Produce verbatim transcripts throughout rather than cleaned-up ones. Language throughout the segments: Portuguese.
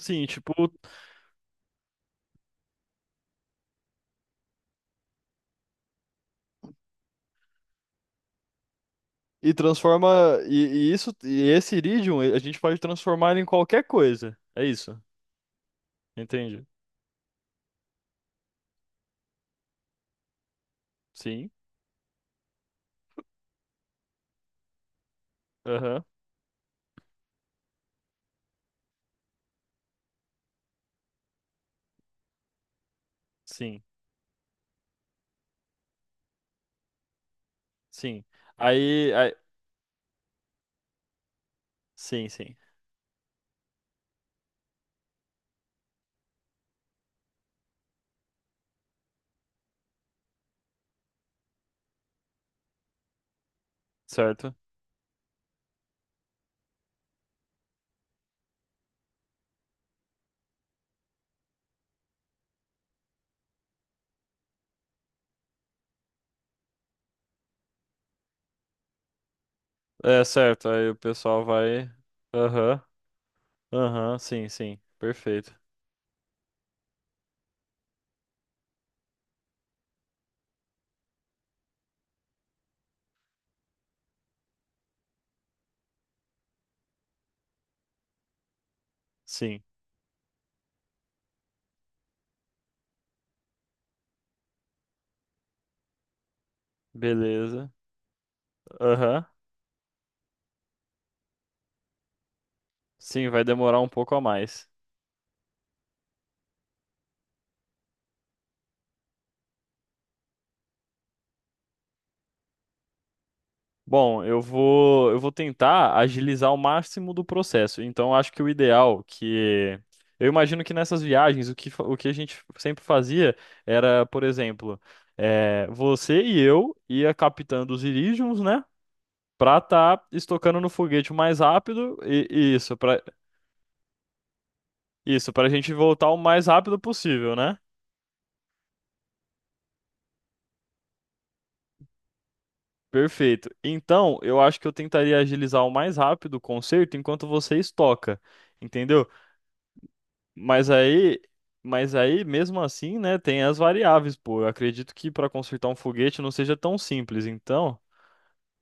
Sim, tipo, e transforma. E, e isso, e esse iridium, a gente pode transformar ele em qualquer coisa. É isso. Entende? Sim. Aham. Sim. Sim. Aí, aí. Sim, sim. Certo. É, certo. Aí o pessoal vai. Aham. Aham. Sim, sim. Perfeito. Sim. Beleza. Aham. Sim, vai demorar um pouco a mais. Bom, eu vou, eu vou tentar agilizar o máximo do processo. Então, acho que o ideal que eu imagino que nessas viagens o que, fa- o que a gente sempre fazia era, por exemplo, eh, você e eu ia captando os Iridiums, né? Pra tá estocando no foguete o mais rápido e e isso, pra isso, para a gente voltar o mais rápido possível, né? Perfeito. Então, eu acho que eu tentaria agilizar o mais rápido o conserto enquanto você estoca, entendeu? Mas aí, mas aí, mesmo assim, né, tem as variáveis, pô. Eu acredito que para consertar um foguete não seja tão simples, então.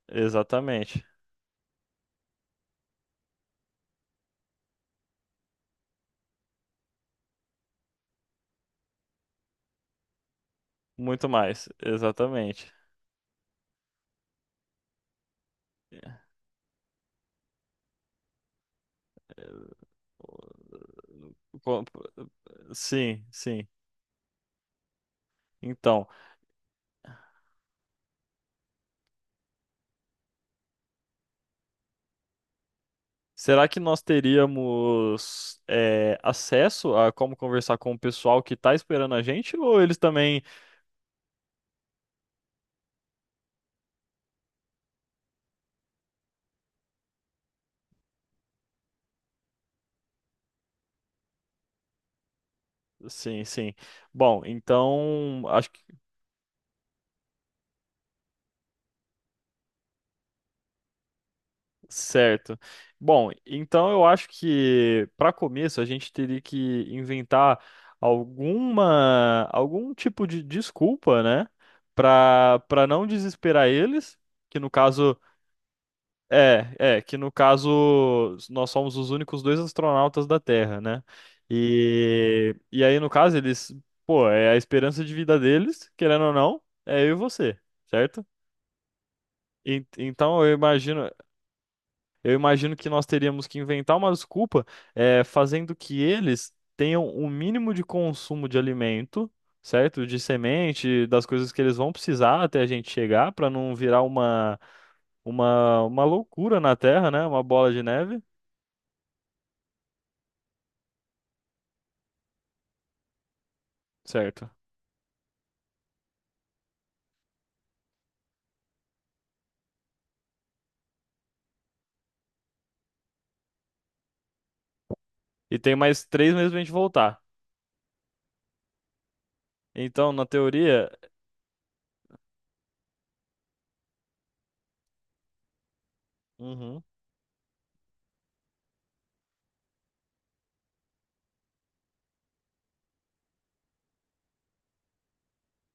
Exatamente. Muito mais, exatamente. Co- Sim, sim. Então, será que nós teríamos é, acesso a como conversar com o pessoal que está esperando a gente? Ou eles também. Sim, sim. Bom, então acho. Certo. Bom, então eu acho que para começo a gente teria que inventar alguma algum tipo de desculpa, né, para para não desesperar eles, que no caso é, é, que no caso nós somos os únicos dois astronautas da Terra, né? E e aí no caso eles, pô, é a esperança de vida deles, querendo ou não, é eu e você, certo? En- Então eu imagino, eu imagino que nós teríamos que inventar uma desculpa, eh, fazendo que eles tenham o mínimo de consumo de alimento, certo? De semente, das coisas que eles vão precisar até a gente chegar, para não virar uma, uma, uma loucura na Terra, né? Uma bola de neve, certo? E tem mais três meses pra gente voltar. Então, na teoria. Uhum,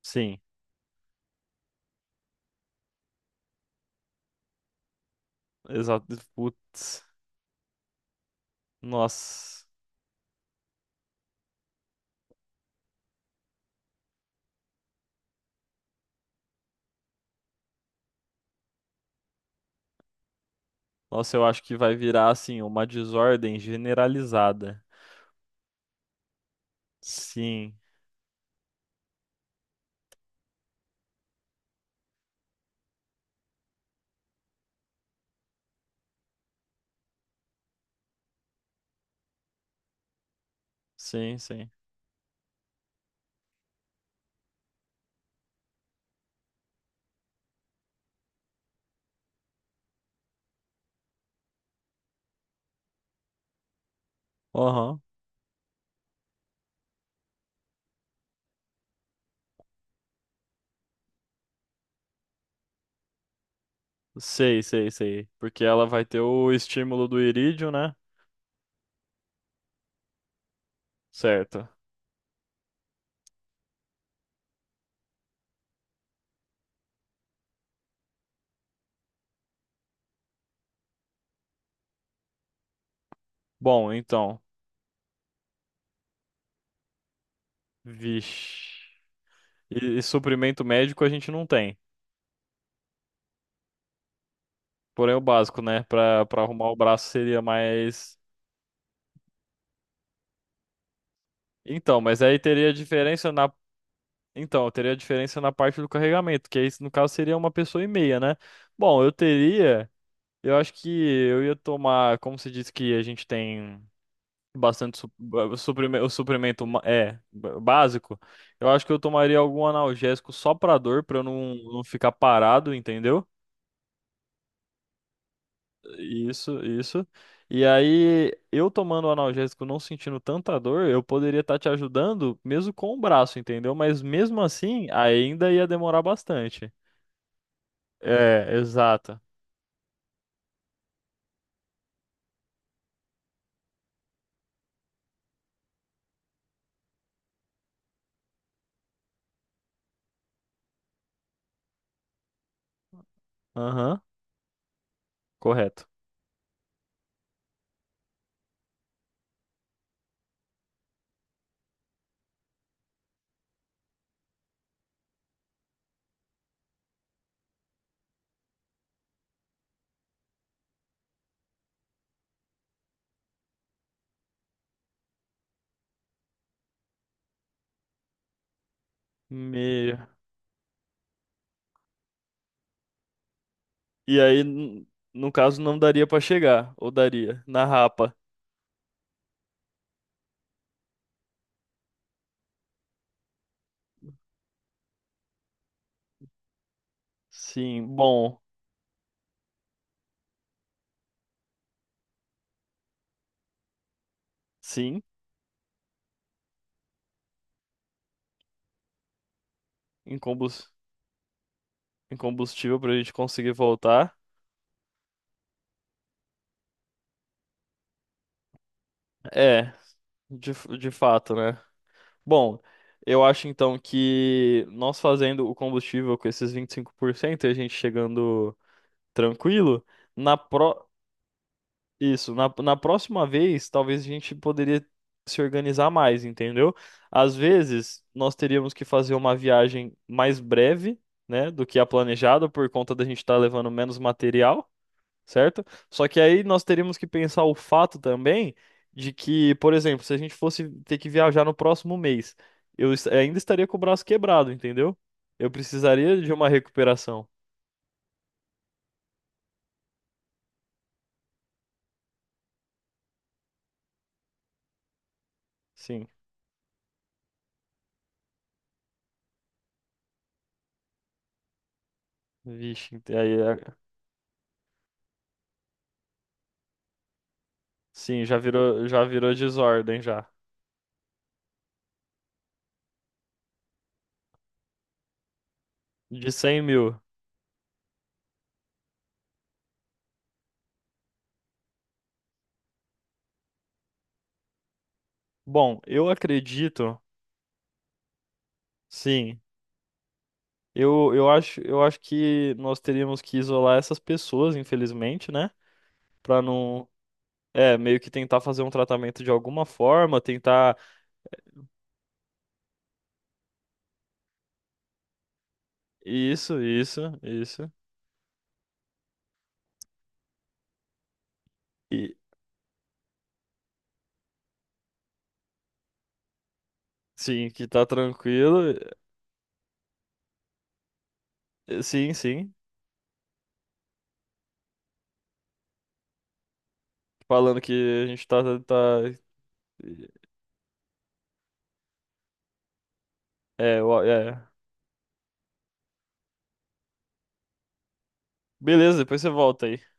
sim, exato. Putz, nossa. Nossa, eu acho que vai virar assim, uma desordem generalizada. Sim, sim, sim. Aham. Sei, sei, sei. Porque ela vai ter o estímulo do irídio, né? Certo. Bom, então. Vixe. E, e suprimento médico a gente não tem. Porém, o básico, né? Pra, pra arrumar o braço seria mais. Então, mas aí teria diferença na. Então, teria diferença na parte do carregamento, que aí, no caso, seria uma pessoa e meia, né? Bom, eu teria. Eu acho que eu ia tomar. Como se diz que a gente tem bastante su- ba- suprime- o suprimento ma- é ba- básico, eu acho que eu tomaria algum analgésico só pra dor, pra eu não, não ficar parado, entendeu? Isso, isso. E aí, eu tomando o analgésico, não sentindo tanta dor, eu poderia estar te ajudando mesmo com o braço, entendeu? Mas mesmo assim, ainda ia demorar bastante. É, exato. Aham, correto. Me... E aí, n- no caso, não daria pra chegar, ou daria, na rapa. Sim, bom. Sim. incombus- Incombustível pra gente conseguir voltar. É, de, f- de fato, né? Bom, eu acho então que nós fazendo o combustível com esses vinte e cinco por cento e cinco por cento e a gente chegando tranquilo, na pro... Isso, na, na próxima vez, talvez a gente poderia se organizar mais, entendeu? Às vezes, nós teríamos que fazer uma viagem mais breve, né, do que a planejada, por conta da gente estar levando menos material, certo? Só que aí nós teríamos que pensar o fato também de que, por exemplo, se a gente fosse ter que viajar no próximo mês, eu es- ainda estaria com o braço quebrado, entendeu? Eu precisaria de uma recuperação. Sim. Vixe, ent- aí é- sim, já virou, já virou desordem já. De cem mil. Bom, eu acredito, sim. Eu, eu acho, eu acho que nós teríamos que isolar essas pessoas, infelizmente, né? Pra não, é, meio que tentar fazer um tratamento de alguma forma, tentar. Isso, isso, isso. E sim, que tá tranquilo. e- Sim, sim. Falando que a gente tá, tá... É, ó, é. Beleza, depois você volta aí.